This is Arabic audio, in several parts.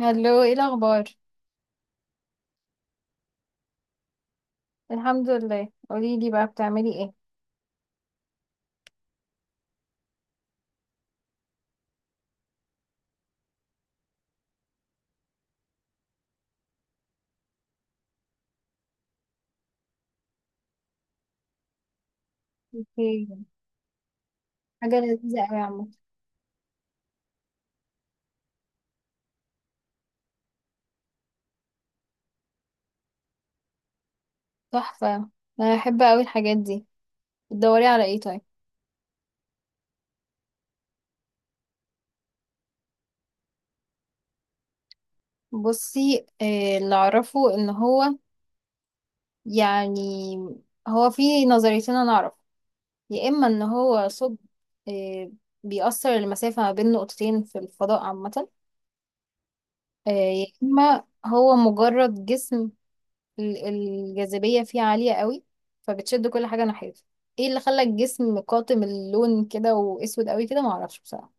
هلو، ايه الاخبار؟ الحمد لله. قولي لي بقى بتعملي ايه؟ اوكي. حاجه لذيذه قوي يا عم. تحفه. انا بحب قوي الحاجات دي. بتدوري على ايه طيب؟ بصي، اللي اعرفه ان هو، يعني، هو في نظريتين انا اعرف. يا اما ان هو ثقب آه، بيأثر المسافه ما بين نقطتين في الفضاء عامه، يا اما هو مجرد جسم. الجاذبية فيه عالية قوي فبتشد كل حاجة ناحيتها. ايه اللي خلى الجسم قاتم اللون كده واسود قوي كده؟ معرفش بصراحة.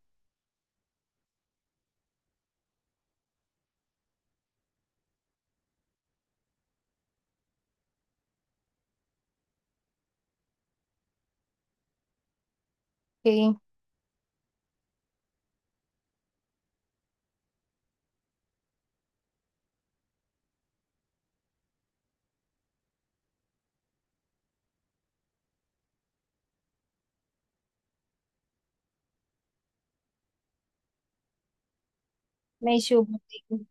اوكي. ماشي وبطيء.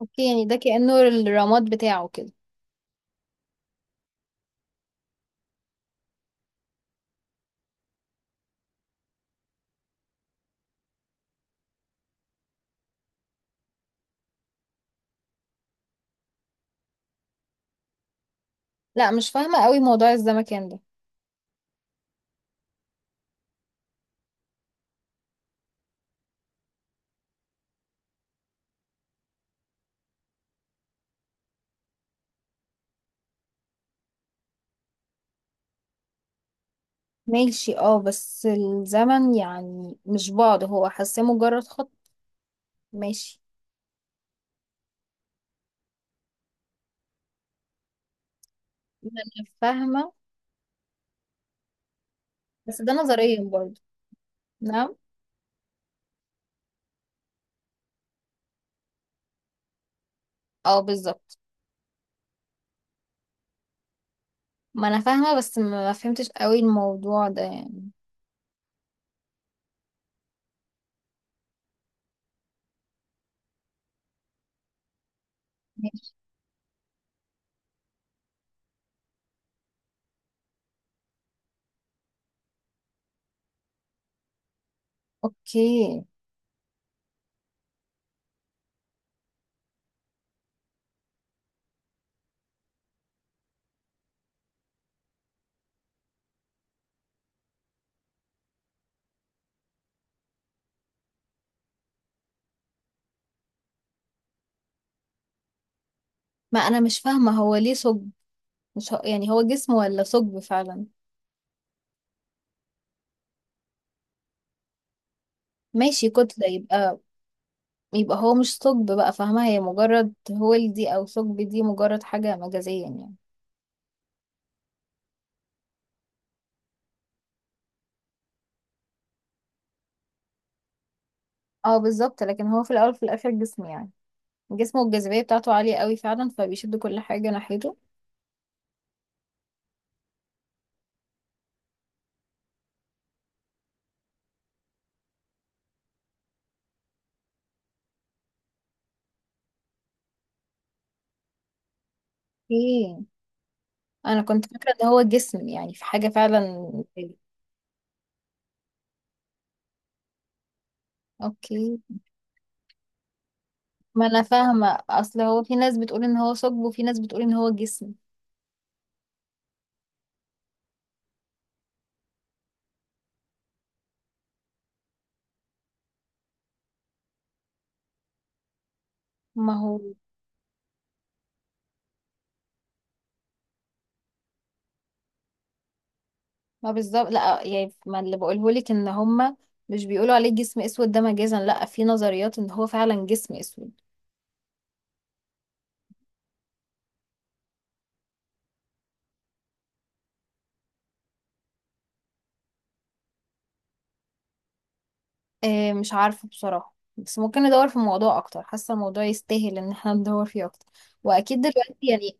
اوكي، يعني ده كأنه الرماد بتاعه كده. لا، مش فاهمة قوي موضوع الزمكان ده. ماشي، اه، بس الزمن يعني مش بعد، هو حاساه مجرد خط. ماشي. ما انا فاهمة، بس ده نظريا برضه. نعم. اه، بالظبط. ما انا فاهمة بس ما فهمتش قوي الموضوع ده يعني. ماشي. اوكي. ما انا مش فاهمه، هو ليه ثقب؟ مش هو يعني هو جسم ولا ثقب فعلا؟ ماشي، كتله يبقى. يبقى هو مش ثقب بقى، فاهمه؟ هي مجرد هول دي او ثقب دي مجرد حاجه مجازيه يعني. اه، بالظبط، لكن هو في الاول وفي الاخر جسم يعني. جسمه والجاذبيه بتاعته عاليه قوي فعلا فبيشد كل حاجه ناحيته. ايه. انا كنت فاكره ان هو جسم، يعني في حاجه فعلا. اوكي. ما انا فاهمه، اصل هو في ناس بتقول ان هو ثقب وفي ناس بتقول ان هو جسم. ما هو. ما بالظبط، لا يعني، ما اللي بقوله لك ان هما مش بيقولوا عليه جسم اسود ده مجازا. لا، في نظريات ان هو فعلا جسم اسود. إيه، مش عارفه بصراحه، بس ممكن ندور في الموضوع اكتر، حاسه الموضوع يستاهل ان احنا ندور فيه اكتر. واكيد دلوقتي يعني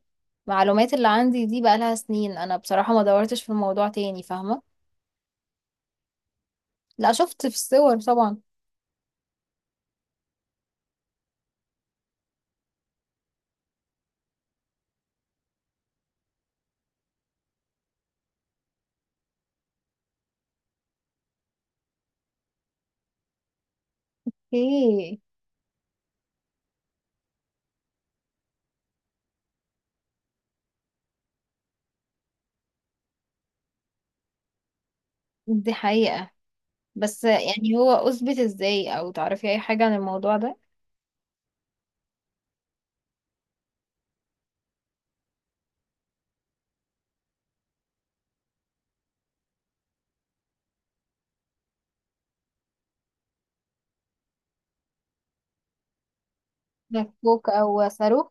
المعلومات اللي عندي دي بقى لها سنين، انا بصراحه ما دورتش في الموضوع تاني، فاهمه؟ لا، شفت في الصور طبعا. ايه. دي حقيقه. بس يعني هو اثبت ازاي؟ او تعرفي اي حاجه عن الموضوع ده؟ مكوك او صاروخ.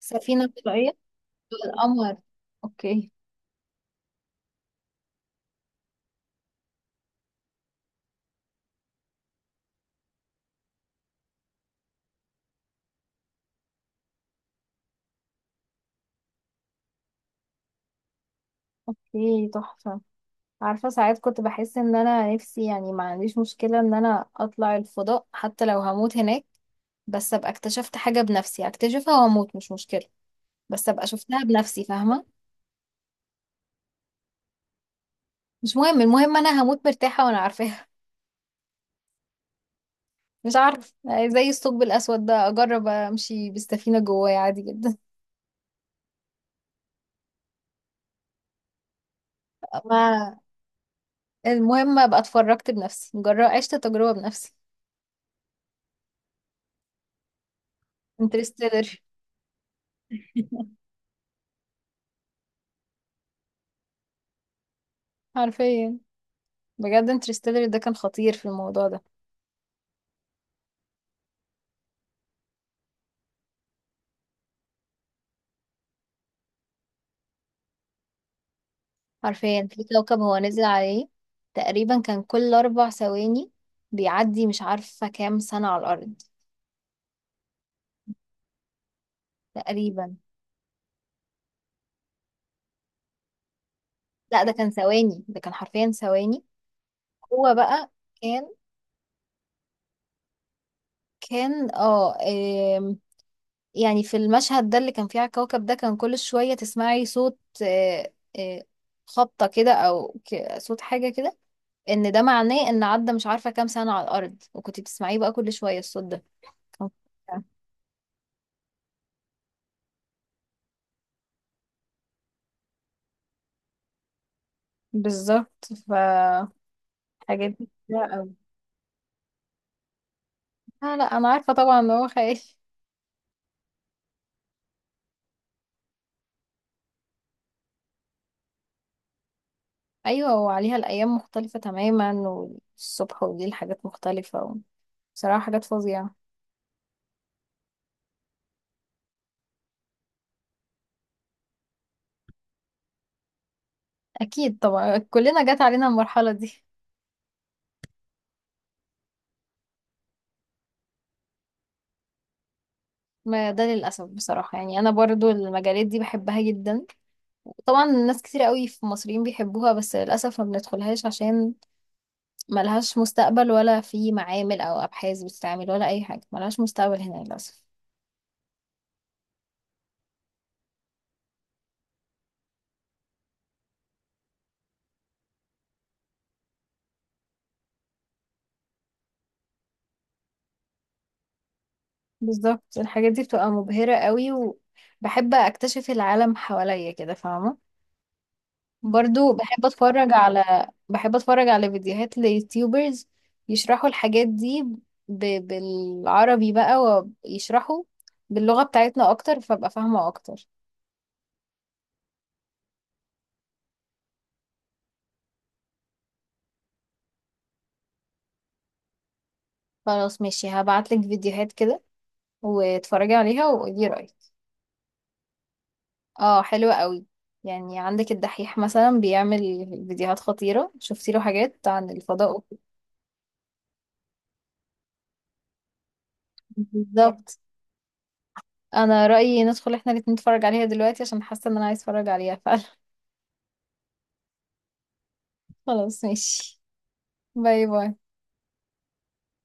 سفينه فضائيه. القمر. اوكي. اوكي، تحفة. عارفة، ساعات كنت بحس ان انا نفسي، يعني، ما عنديش مشكلة ان انا اطلع الفضاء حتى لو هموت هناك. بس ابقى اكتشفت حاجة بنفسي، اكتشفها واموت مش مشكلة. بس ابقى شفتها بنفسي، فاهمة؟ مش مهم، المهم انا هموت مرتاحة وانا عارفاها. مش عارف. زي الثقب الاسود ده، اجرب امشي بالسفينة جوايا عادي جدا. ما المهم ابقى اتفرجت بنفسي، جرب عشت تجربة بنفسي. انترستيلر. حرفيا. بجد انترستيلر ده كان خطير في الموضوع ده. حرفيا في كوكب هو نزل عليه. تقريبا كان كل 4 ثواني بيعدي مش عارفة كام سنة على الأرض. تقريبا. لا، ده كان ثواني، ده كان حرفيا ثواني. هو بقى كان كان آم، يعني في المشهد ده اللي كان فيه على الكوكب ده كان كل شوية تسمعي صوت، آه، خبطة كده أو صوت حاجة كده. إن ده معناه إن عدى مش عارفة كام سنة على الأرض، وكنت بتسمعيه بقى كل شوية الصوت ده. كان بالظبط. الحاجات دي كتيرة أوي. لا لا، أنا عارفة طبعا إن هو خايف. أيوة، وعليها الأيام مختلفة تماما، والصبح وليل حاجات مختلفة. بصراحة حاجات فظيعة. أكيد طبعا، كلنا جت علينا المرحلة دي. ما ده للأسف. بصراحة يعني أنا برضو المجالات دي بحبها جدا. طبعا ناس كتير قوي في مصريين بيحبوها، بس للأسف ما بندخلهاش عشان ملهاش مستقبل، ولا في معامل أو أبحاث بتتعمل، ولا أي حاجة. ملهاش مستقبل هنا للأسف. بالظبط، الحاجات دي بتبقى مبهرة قوي. وبحب اكتشف العالم حواليا كده، فاهمة؟ برضو بحب اتفرج على فيديوهات ليوتيوبرز يشرحوا الحاجات دي ب... بالعربي بقى، ويشرحوا باللغة بتاعتنا اكتر فابقى فاهمة اكتر. خلاص ماشي، هبعتلك فيديوهات كده واتفرجي عليها وقولي رأيك. اه، حلوة قوي. يعني عندك الدحيح مثلا بيعمل فيديوهات خطيرة، شفتي له حاجات عن الفضاء وكده. بالظبط. انا رأيي ندخل احنا الاتنين نتفرج عليها دلوقتي، عشان حاسة ان انا عايز اتفرج عليها فعلا. خلاص، ماشي. باي باي.